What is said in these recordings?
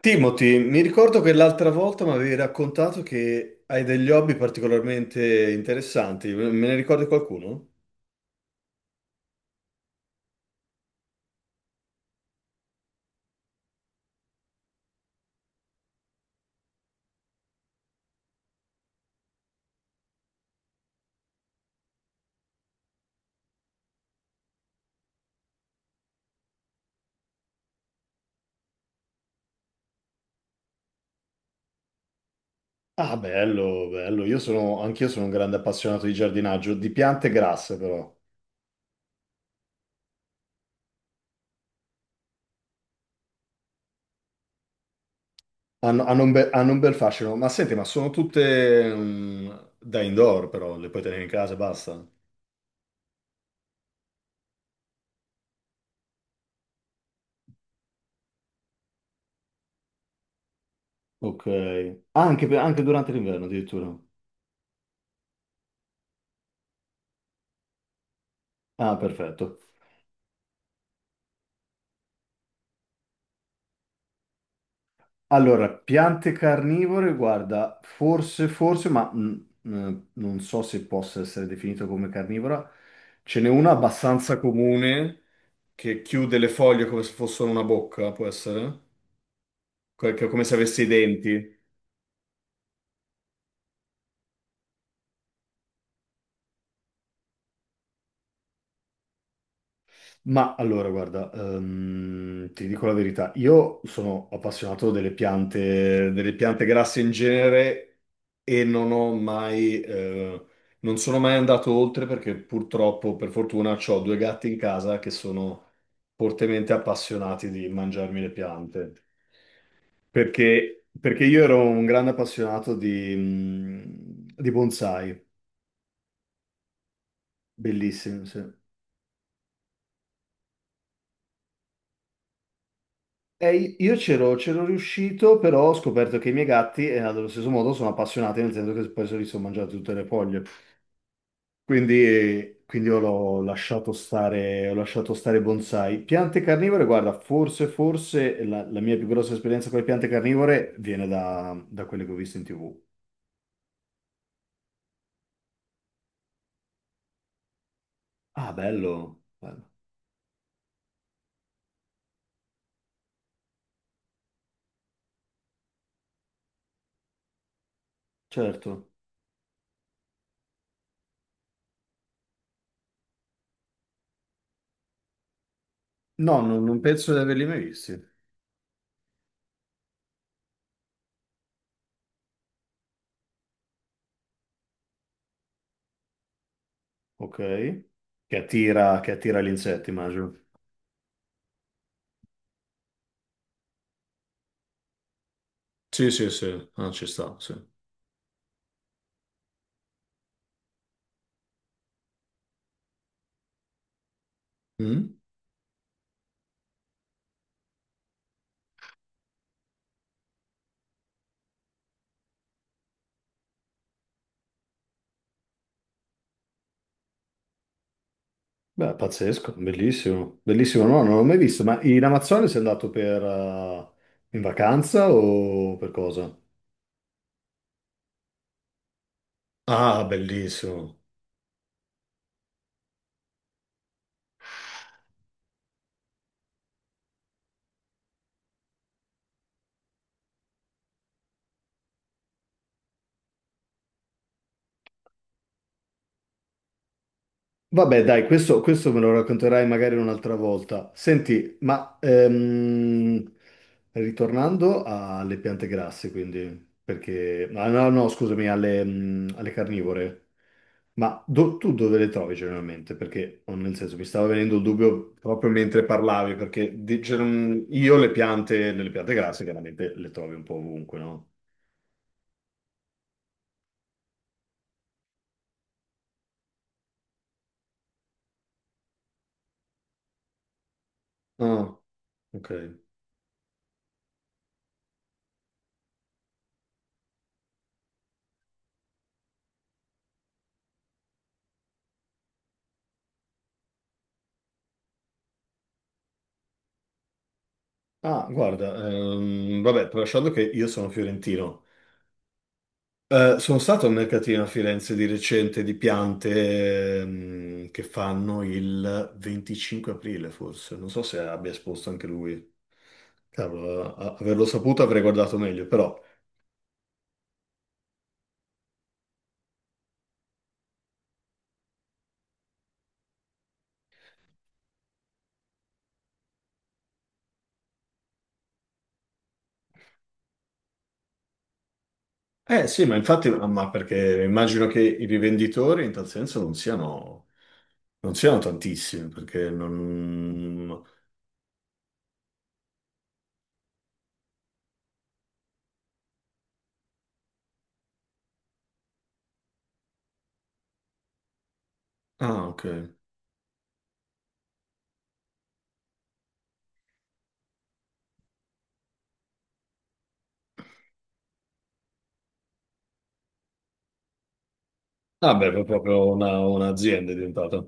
Timothy, mi ricordo che l'altra volta mi avevi raccontato che hai degli hobby particolarmente interessanti. Me ne ricordi qualcuno? Ah, bello, bello. Io sono, anch'io sono un grande appassionato di giardinaggio, di piante grasse però. Hanno un hanno un bel fascino. Ma senti, ma sono tutte da indoor però, le puoi tenere in casa e basta. Ok. Ah, anche durante l'inverno addirittura. Ah, perfetto. Allora, piante carnivore, guarda, forse, forse, ma non so se possa essere definito come carnivora, ce n'è una abbastanza comune che chiude le foglie come se fossero una bocca, può essere? Come se avesse i denti. Ma allora, guarda, ti dico la verità, io sono appassionato delle piante grasse in genere e non ho mai, non sono mai andato oltre perché purtroppo, per fortuna, ho due gatti in casa che sono fortemente appassionati di mangiarmi le piante. Perché io ero un grande appassionato di, di bonsai, bellissimi, sì. Io c'ero riuscito, però ho scoperto che i miei gatti, allo stesso modo, sono appassionati, nel senso che poi se li sono mangiati tutte le foglie. Quindi io l'ho lasciato stare, ho lasciato stare i bonsai. Piante carnivore, guarda, forse, forse la mia più grossa esperienza con le piante carnivore viene da quelle che ho visto in TV. Ah, bello, bello. Certo. No, non penso di averli mai visti. Ok. Che attira gli insetti, immagino. Sì, sì, sì, ah, ci sta, sì. Mm? Beh, pazzesco, bellissimo, bellissimo. No, non l'ho mai visto, ma in Amazzonia sei andato per, in vacanza o per cosa? Ah, bellissimo. Vabbè, dai, questo me lo racconterai magari un'altra volta. Senti, ma ritornando alle piante grasse, quindi, perché... ah, no, no, scusami, alle carnivore. Ma tu dove le trovi generalmente? Perché, oh, nel senso, mi stava venendo il dubbio proprio mentre parlavi, perché io le piante grasse chiaramente le trovi un po' ovunque, no? Ah, ok. Ah, guarda, vabbè, tralasciando che io sono fiorentino. Sono stato al mercatino a Firenze di recente di piante che fanno il 25 aprile, forse. Non so se abbia esposto anche lui. Cavolo, averlo saputo avrei guardato meglio, però. Eh sì, ma infatti, ma perché immagino che i rivenditori in tal senso non siano, non siano tantissimi, perché non... Ah, ok. Vabbè, è proprio un'azienda è diventata.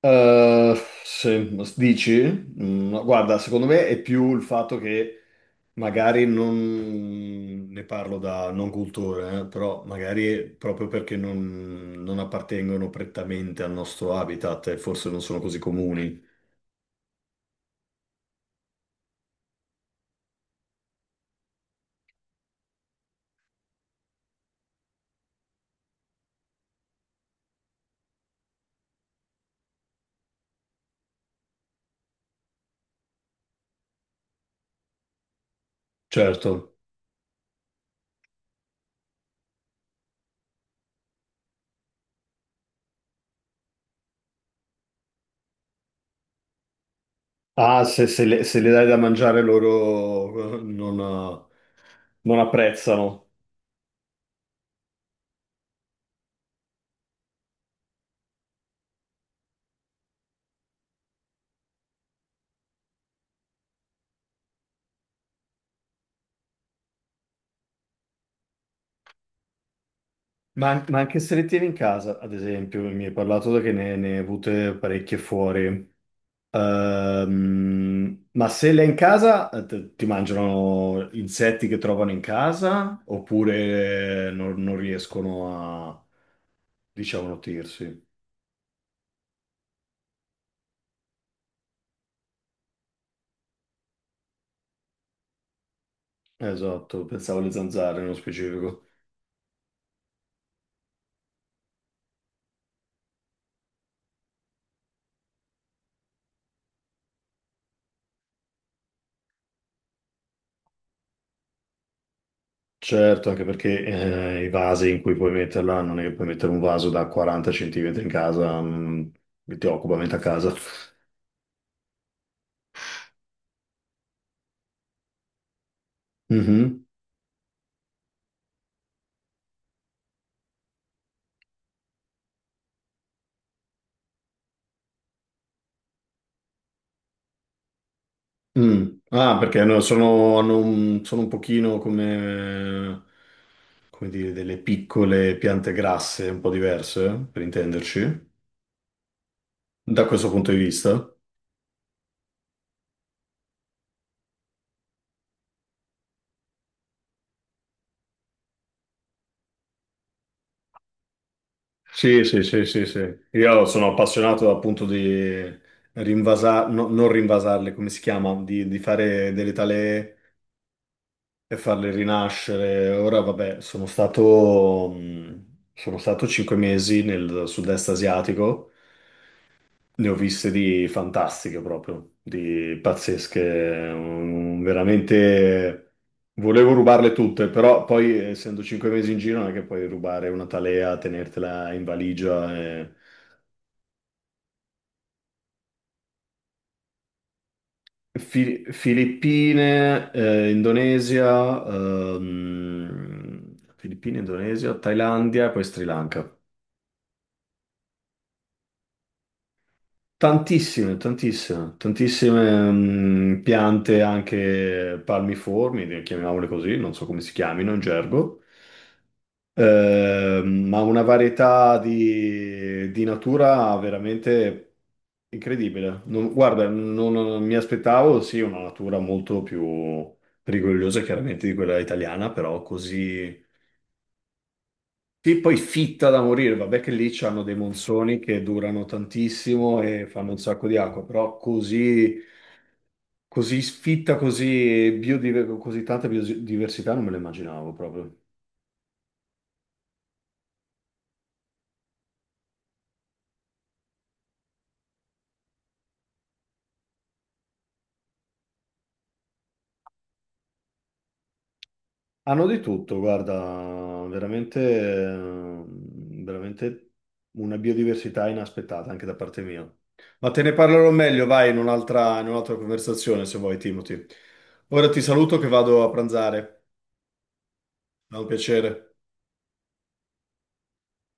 Eh, se dici, Mm, no, guarda, secondo me è più il fatto che magari non ne parlo da non cultore, però magari è proprio perché non, non appartengono prettamente al nostro habitat e forse non sono così comuni. Certo. Ah, se le dai da mangiare loro non, non apprezzano. Ma, ma anche se le tieni in casa, ad esempio, mi hai parlato che ne hai avute parecchie fuori. Ma se l'è in casa, ti mangiano insetti che trovano in casa oppure non, non riescono a, diciamo, nutrirsi? Esatto, pensavo alle zanzare nello specifico. Certo, anche perché i vasi in cui puoi metterla, non è che puoi mettere un vaso da 40 centimetri in casa, che ti occupa metà casa. Mhm. Mm. Ah, perché hanno un, sono un pochino come, come dire, delle piccole piante grasse, un po' diverse, per intenderci, da questo punto di vista. Sì, sì, sì, sì, sì. Io sono appassionato appunto di rinvasare, non rinvasarle, come si chiama, di fare delle talee e farle rinascere. Ora, vabbè, sono stato 5 mesi nel sud-est asiatico. Ne ho viste di fantastiche proprio, di pazzesche, veramente volevo rubarle tutte, però poi essendo 5 mesi in giro non è che puoi rubare una talea, tenertela in valigia. Filippine, Indonesia, Filippine, Indonesia, Thailandia e poi Sri Lanka. Tantissime, tantissime, tantissime piante anche palmiformi, chiamiamole così, non so come si chiamino in gergo. Ma una varietà di natura veramente incredibile. Guarda, non, non mi aspettavo, sì, una natura molto più rigogliosa chiaramente di quella italiana, però così... Sì, poi fitta da morire, vabbè che lì c'hanno dei monsoni che durano tantissimo e fanno un sacco di acqua, però così... Così sfitta, così tanta biodiversità non me lo immaginavo proprio. Hanno di tutto, guarda, veramente, veramente una biodiversità inaspettata anche da parte mia. Ma te ne parlerò meglio, vai, in un'altra conversazione se vuoi, Timothy. Ora ti saluto che vado a pranzare. È un piacere.